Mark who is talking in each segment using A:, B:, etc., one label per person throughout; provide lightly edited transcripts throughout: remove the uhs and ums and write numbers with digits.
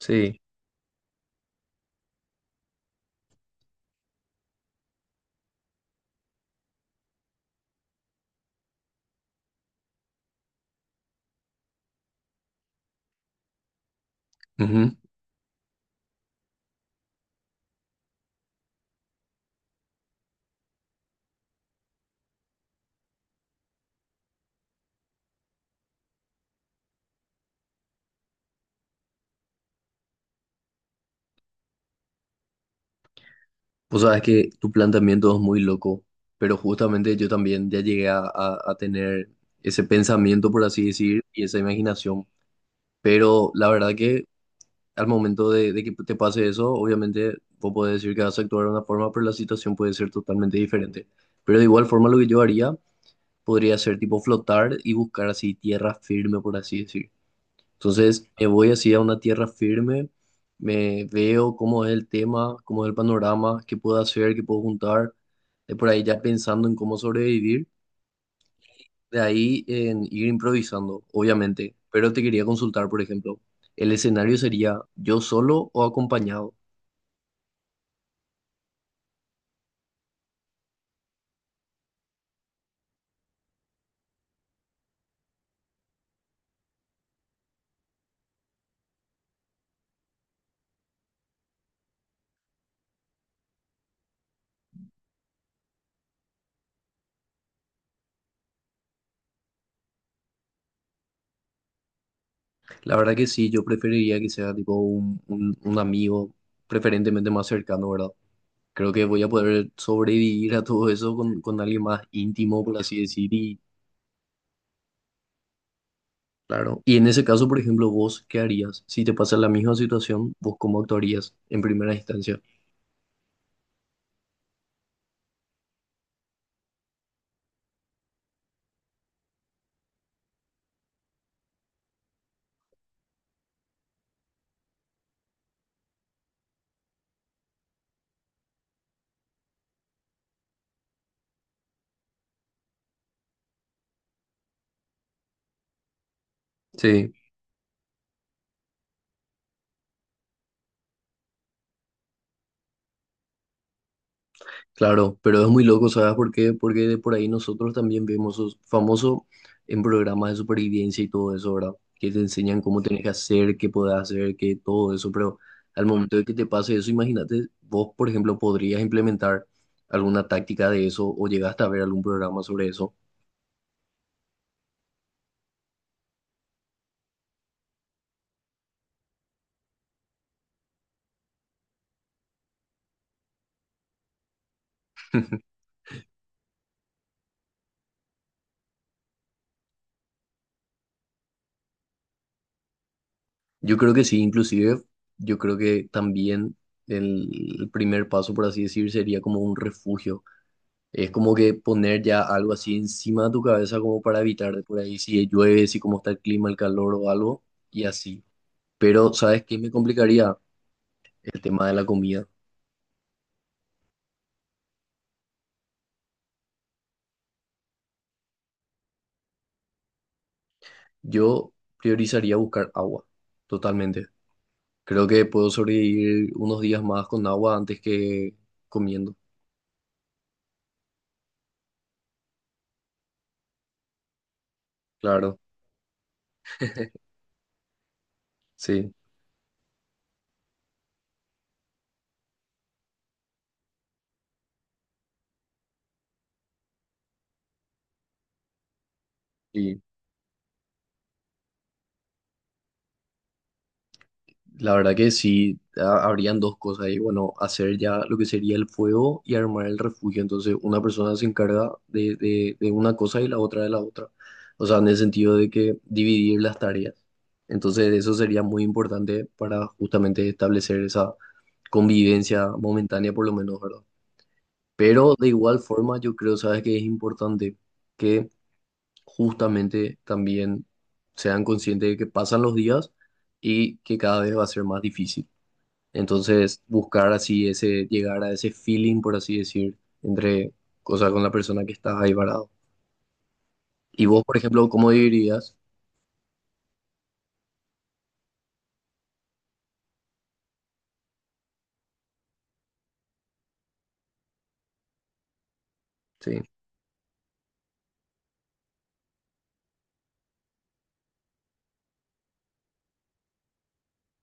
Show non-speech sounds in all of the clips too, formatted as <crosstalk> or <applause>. A: Sí. Ujú. Vos sabés que tu planteamiento es muy loco, pero justamente yo también ya llegué a tener ese pensamiento, por así decir, y esa imaginación. Pero la verdad que al momento de que te pase eso, obviamente vos podés decir que vas a actuar de una forma, pero la situación puede ser totalmente diferente. Pero de igual forma lo que yo haría podría ser tipo flotar y buscar así tierra firme, por así decir. Entonces me voy así a una tierra firme, me veo cómo es el tema, cómo es el panorama, qué puedo hacer, qué puedo juntar, de por ahí ya pensando en cómo sobrevivir, de ahí en ir improvisando, obviamente. Pero te quería consultar, por ejemplo, ¿el escenario sería yo solo o acompañado? La verdad que sí, yo preferiría que sea tipo un amigo, preferentemente más cercano, ¿verdad? Creo que voy a poder sobrevivir a todo eso con alguien más íntimo, por así decir, Claro. Y en ese caso, por ejemplo, vos, ¿qué harías? Si te pasa la misma situación, ¿vos cómo actuarías en primera instancia? Sí, claro, pero es muy loco, ¿sabes por qué? Porque de por ahí nosotros también vemos famoso en programas de supervivencia y todo eso, ¿verdad? Que te enseñan cómo tenés que hacer, qué podés hacer, qué todo eso, pero al momento de que te pase eso, imagínate, vos, por ejemplo, podrías implementar alguna táctica de eso o llegaste a ver algún programa sobre eso. <laughs> Yo creo que sí, inclusive yo creo que también el primer paso, por así decir, sería como un refugio. Es como que poner ya algo así encima de tu cabeza como para evitar de por ahí si llueve, si cómo está el clima, el calor o algo, y así. Pero, ¿sabes qué me complicaría? El tema de la comida. Yo priorizaría buscar agua, totalmente. Creo que puedo sobrevivir unos días más con agua antes que comiendo. Claro, sí. Y. La verdad que sí, habrían dos cosas ahí. Bueno, hacer ya lo que sería el fuego y armar el refugio. Entonces, una persona se encarga de una cosa y la otra de la otra. O sea, en el sentido de que dividir las tareas. Entonces, eso sería muy importante para justamente establecer esa convivencia momentánea, por lo menos, ¿verdad? Pero de igual forma, yo creo, sabes que es importante que justamente también sean conscientes de que pasan los días y que cada vez va a ser más difícil. Entonces, buscar así ese, llegar a ese feeling, por así decir, entre, o sea, con la persona que estás ahí parado. Y vos, por ejemplo, ¿cómo dirías? Sí,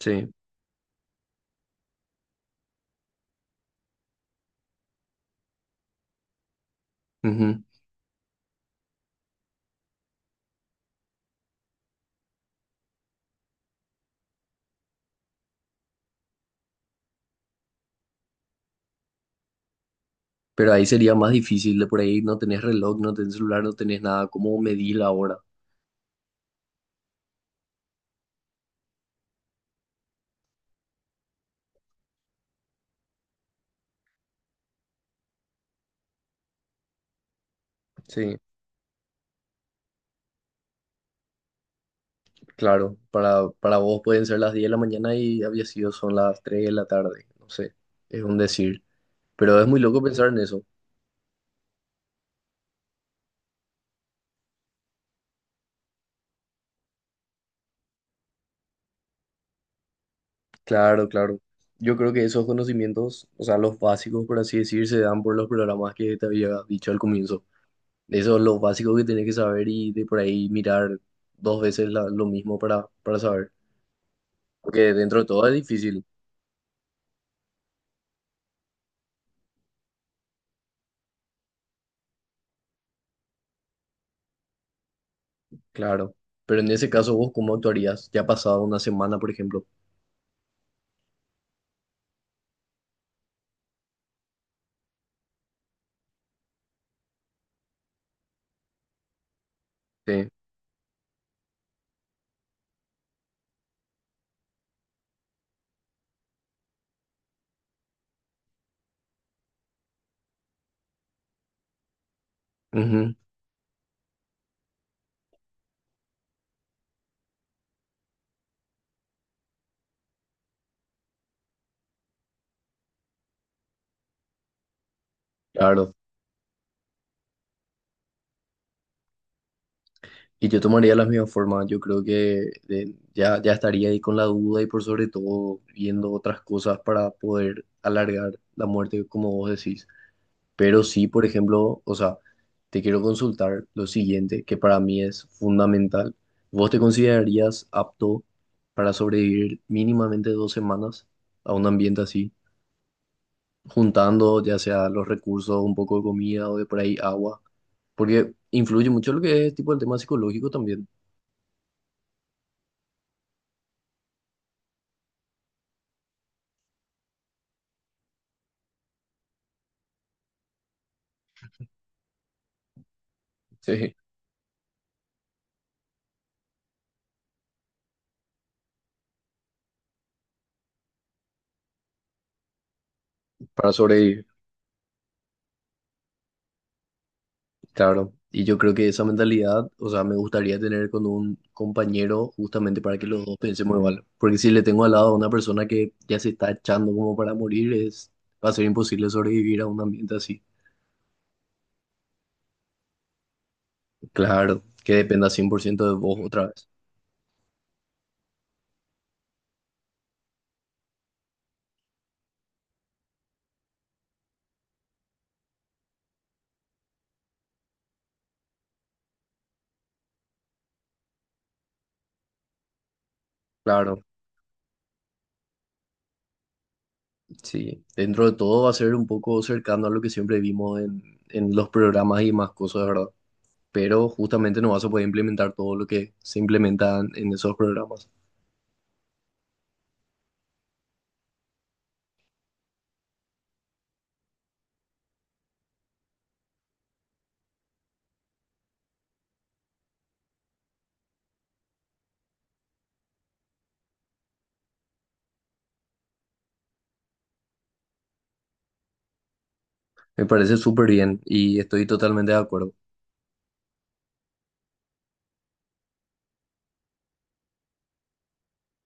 A: sí. Ujú. Pero ahí sería más difícil, de por ahí no tenés reloj, no tenés celular, no tenés nada. ¿Cómo medís la hora? Sí, claro. Para vos pueden ser las 10 de la mañana y había sido son las 3 de la tarde. No sé, es un decir. Pero es muy loco pensar en eso. Claro, claro. Yo creo que esos conocimientos, o sea, los básicos, por así decir, se dan por los programas que te había dicho al comienzo. Eso es lo básico que tenés que saber y de por ahí mirar dos veces lo mismo para saber. Porque dentro de todo es difícil, claro. Pero en ese caso, ¿vos cómo actuarías? Ya ha pasado una semana, por ejemplo. Sí. Ujú, claro. Y yo tomaría la misma forma. Yo creo que ya estaría ahí con la duda y por sobre todo viendo otras cosas para poder alargar la muerte, como vos decís. Pero sí, por ejemplo, o sea, te quiero consultar lo siguiente, que para mí es fundamental. ¿Vos te considerarías apto para sobrevivir mínimamente 2 semanas a un ambiente así, juntando ya sea los recursos, un poco de comida o de por ahí agua? Porque influye mucho lo que es tipo el tema psicológico también, <laughs> sí, para sobrevivir. Claro, y yo creo que esa mentalidad, o sea, me gustaría tener con un compañero justamente para que los dos pensemos igual. Porque si le tengo al lado a una persona que ya se está echando como para morir, es, va a ser imposible sobrevivir a un ambiente así. Claro, que dependa 100% de vos otra vez. Claro, sí. Dentro de todo va a ser un poco cercano a lo que siempre vimos en los programas y más cosas, ¿verdad? Pero justamente no vas a poder implementar todo lo que se implementa en esos programas. Me parece súper bien y estoy totalmente de acuerdo.